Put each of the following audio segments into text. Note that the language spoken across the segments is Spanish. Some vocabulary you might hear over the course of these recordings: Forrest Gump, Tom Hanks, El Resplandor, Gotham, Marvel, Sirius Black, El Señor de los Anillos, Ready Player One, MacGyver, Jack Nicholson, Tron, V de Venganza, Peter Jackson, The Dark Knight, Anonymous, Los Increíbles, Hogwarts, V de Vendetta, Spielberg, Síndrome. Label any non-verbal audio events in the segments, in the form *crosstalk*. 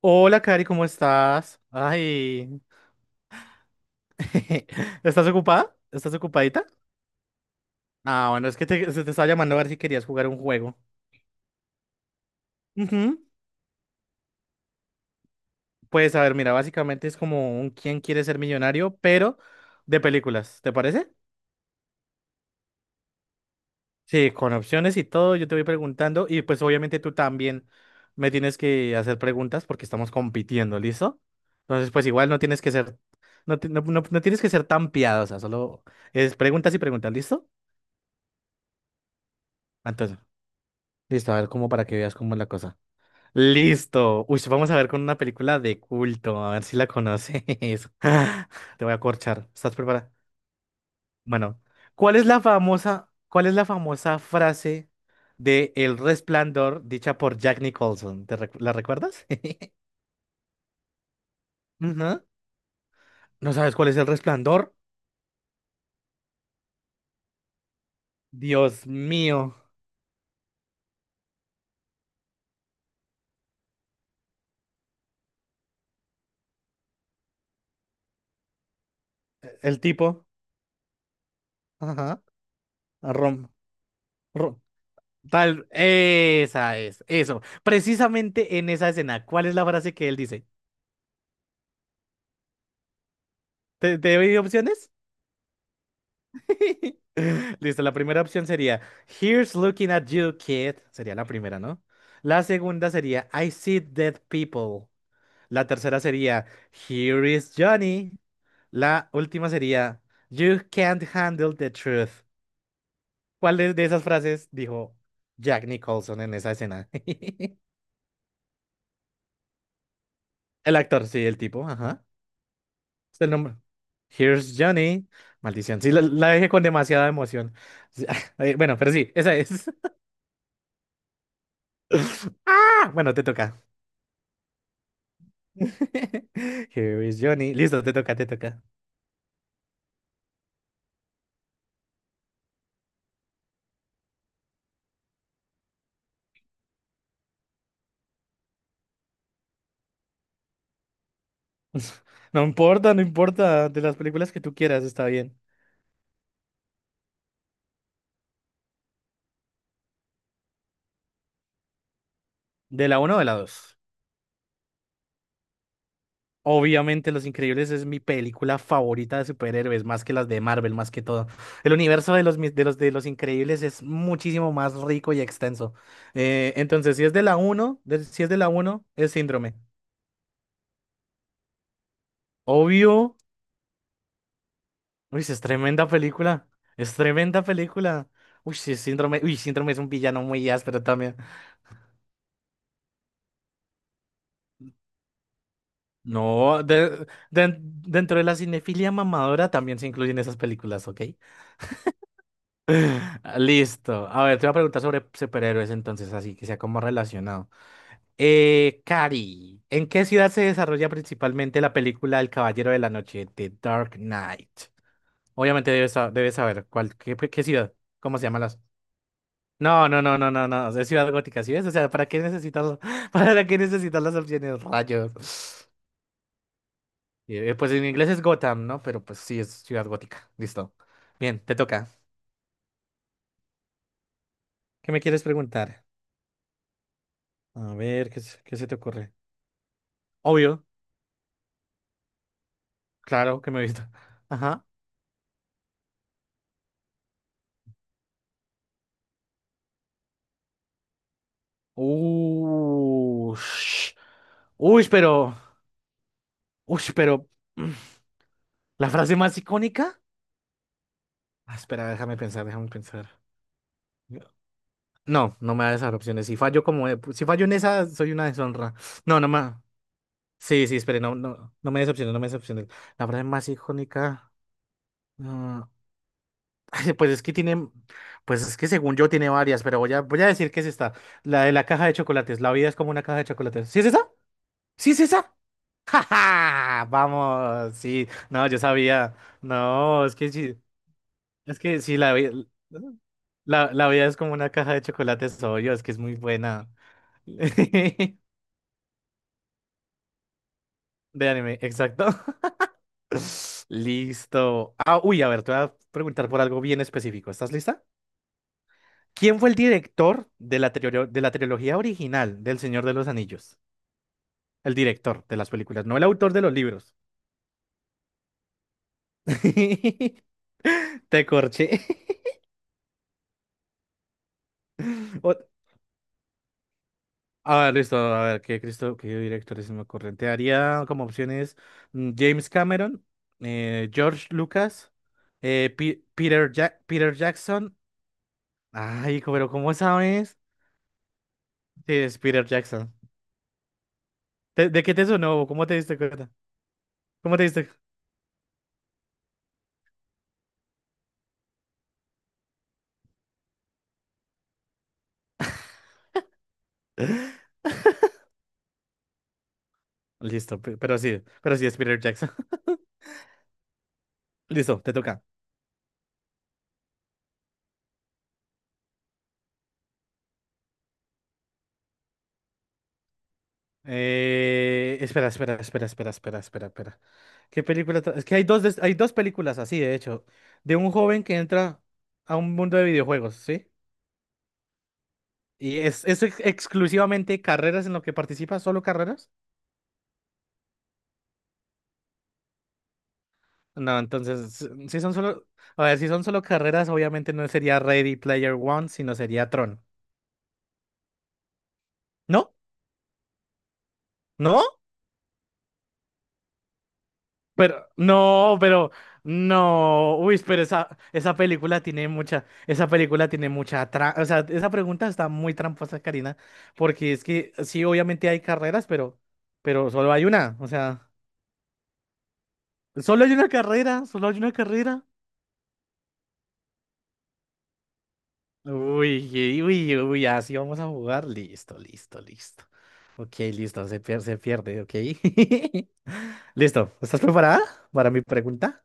Hola, Cari, ¿cómo estás? Ay, *laughs* ¿estás ocupada? ¿Estás ocupadita? Bueno, es que se te estaba llamando a ver si querías jugar un juego. Ujú. Pues a ver, mira, básicamente es como un quién quiere ser millonario, pero de películas, ¿te parece? Sí, con opciones y todo, yo te voy preguntando y pues obviamente tú también me tienes que hacer preguntas porque estamos compitiendo, ¿listo? Entonces, pues igual no tienes que ser, no, no, no tienes que ser tan piadosa, solo es preguntas y preguntas, ¿listo? Entonces, listo, a ver cómo, para que veas cómo es la cosa. Listo. Uy, sí, vamos a ver con una película de culto, a ver si la conoces. *laughs* Te voy a corchar. ¿Estás preparada? Bueno, ¿cuál es la famosa frase de El Resplandor dicha por Jack Nicholson? ¿La recuerdas? *laughs* Ujú. ¿No sabes cuál es El Resplandor? Dios mío, el tipo. Ajá. Rom, rom- Tal, esa es, eso. Precisamente en esa escena, ¿cuál es la frase que él dice? ¿Te doy opciones? *laughs* Listo, la primera opción sería Here's looking at you, kid. Sería la primera, ¿no? La segunda sería I see dead people. La tercera sería Here is Johnny. La última sería You can't handle the truth. ¿Cuál de esas frases dijo Jack Nicholson en esa escena? *laughs* El actor, sí, el tipo, ajá. Es el nombre. Here's Johnny. Maldición, sí, la dejé con demasiada emoción. Sí, *laughs* bueno, pero sí, esa es. *laughs* Ah, bueno, te toca. *laughs* Here is Johnny. Listo, te toca, te toca. *laughs* No importa, no importa. De las películas que tú quieras, está bien. ¿De la uno o de la dos? Obviamente, Los Increíbles es mi película favorita de superhéroes, más que las de Marvel, más que todo. El universo de de de los Increíbles es muchísimo más rico y extenso. Entonces, si es de la uno, si es de la uno, es Síndrome. Obvio. Uy, sí, es tremenda película. Es tremenda película. Uy, sí, Síndrome. Uy, Síndrome es un villano muy áspero también. No, dentro de la cinefilia mamadora también se incluyen esas películas, ¿ok? *laughs* Listo. A ver, te voy a preguntar sobre superhéroes entonces, así que sea como relacionado. Cari, ¿en qué ciudad se desarrolla principalmente la película El Caballero de la Noche, The Dark Knight? Obviamente debes saber cuál, qué ciudad, cómo se llaman las... No, no, no, no, no, no, es ciudad gótica, ¿sí ves? O sea, ¿para qué necesitas, *laughs* para qué necesitas las opciones, rayos? Y, pues en inglés es Gotham, ¿no? Pero pues sí, es ciudad gótica. Listo. Bien, te toca. ¿Qué me quieres preguntar? A ver, ¿qué se te ocurre? Obvio, claro que me he visto. *laughs* Ajá. Ush. Uy, pero. Uy, pero. *clears throat* mm, ¿la frase más icónica? Ah, espera, déjame pensar, déjame pensar. No, no me da esas opciones. Si fallo en esa, soy una deshonra. No, no me. Sí, sí, espere, no, no, no me des opciones, no me des opciones. La frase más icónica. ah, *laughs* Ay, pues es que tiene, pues es que según yo tiene varias, pero voy a decir que es esta, la de la caja de chocolates. La vida es como una caja de chocolates. ¿Sí es esa? ¿Sí es esa? *laughs* ¡Ja, ja! Vamos, sí. No, yo sabía. No, es que sí, la vida, la vida es como una caja de chocolates, obvio, es que es muy buena. *laughs* De anime, exacto. *laughs* Listo. Ah, uy, a ver, te voy a preguntar por algo bien específico. ¿Estás lista? ¿Quién fue el director de de la trilogía original del Señor de los Anillos? El director de las películas, no el autor de los libros. *laughs* Te corché. *laughs* O- Ah, listo. A ver, Cristo, qué director es me ocurre? Haría como opciones: James Cameron, George Lucas, Peter, Peter Jackson. Ay, pero ¿cómo sabes? Sí, es Peter Jackson. ¿De qué te sonó? ¿Cómo te diste cuenta? ¿Cómo te diste? Listo, pero sí es Peter Jackson. *laughs* Listo, te toca. Espera, espera, espera, espera, espera, espera, espera. Es que hay dos, hay dos películas así, de hecho, de un joven que entra a un mundo de videojuegos, ¿sí? Y es, exclusivamente carreras en lo que participa, solo carreras. No, entonces, si son solo, a ver, si son solo carreras, obviamente no sería Ready Player One, sino sería Tron. ¿No? ¿No? Pero, no, pero, no. Uy, pero esa película tiene mucha, esa película tiene o sea, esa pregunta está muy tramposa, Karina, porque es que sí, obviamente hay carreras, pero solo hay una. O sea, solo hay una carrera, solo hay una carrera. Uy, uy, así vamos a jugar. Listo, listo, listo. Ok, listo, se pierde, ok. *laughs* Listo, ¿estás preparada para mi pregunta?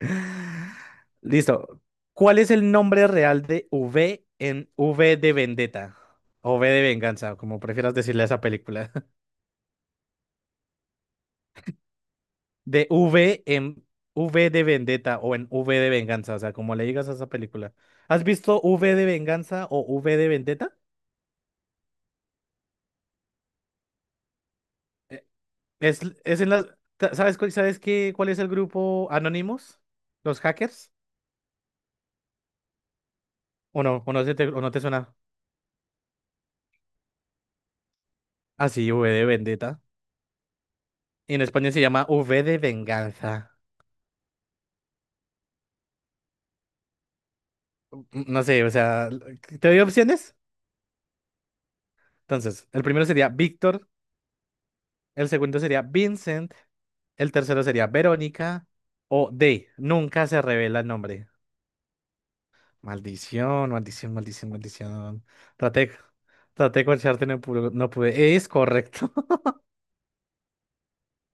*laughs* Listo. ¿Cuál es el nombre real de V en V de Vendetta? O V de Venganza, como prefieras decirle a esa película. *laughs* De V en V de Vendetta o en V de Venganza, o sea, como le digas a esa película. ¿Has visto V de Venganza o V de Vendetta? Eh, es en las... ¿sabes qué, cuál es el grupo Anonymous? ¿Los hackers? ¿O no? ¿O no te suena? Ah, sí, V de Vendetta. Y en España se llama V de Venganza. No sé, o sea, ¿te doy opciones? Entonces, el primero sería Víctor, el segundo sería Vincent, el tercero sería Verónica o D. Nunca se revela el nombre. Maldición, maldición, maldición, maldición. Traté, traté de corcharte, no pude, no pude. Es correcto.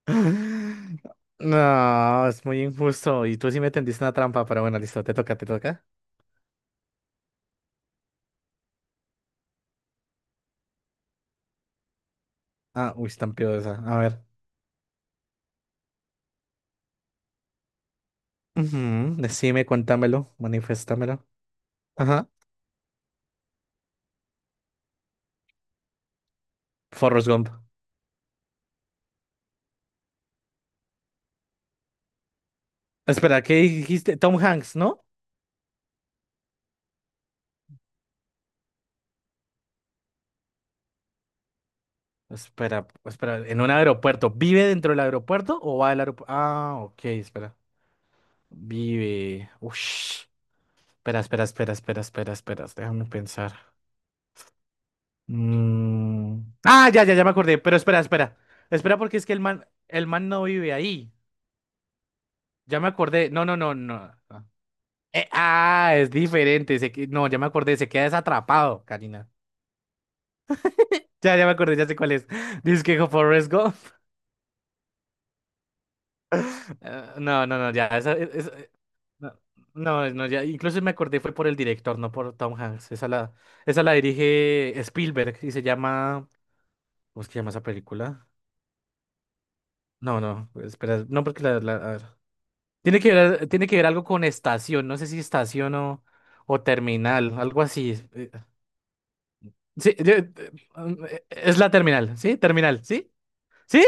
*laughs* No, es muy injusto. Y tú sí me tendiste una trampa, pero bueno, listo, te toca, te toca. Ah, uy, es tan piadosa. A ver. Ujú, decime, cuéntamelo, maniféstamelo. Ajá. Forrest Gump. Espera, ¿qué dijiste? Tom Hanks, ¿no? Espera, espera, en un aeropuerto. ¿Vive dentro del aeropuerto o va al aeropuerto? Ah, ok, espera. Vive. Ush. Espera, espera, espera, espera, espera, espera. Déjame pensar. Mm. Ah, ya, ya, ya me acordé. Pero espera, espera. Espera, porque es que el man no vive ahí. Ya me acordé. No, no, no, no. Es diferente. No, ya me acordé. Se queda desatrapado, Karina. Ya, ya me acordé, ya sé cuál es. *laughs* Dice que Forrest Gump. No, no, no, ya. No, no, no, ya. Incluso me acordé, fue por el director, no por Tom Hanks. Esa la dirige Spielberg y se llama. ¿Cómo es que se llama esa película? No, no, espera. No, porque a ver. Tiene que ver, tiene que ver algo con estación. No sé si estación o terminal, algo así. Sí, yo- eh, es la terminal, ¿sí? Terminal, ¿sí? ¿Sí?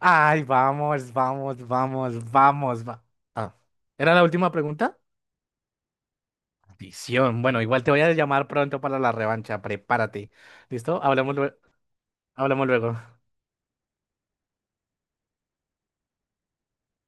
Ay, vamos, vamos, vamos, vamos, va. Ah, ¿era la última pregunta? Visión. Bueno, igual te voy a llamar pronto para la revancha. Prepárate. ¿Listo? Hablamos, hablamos luego.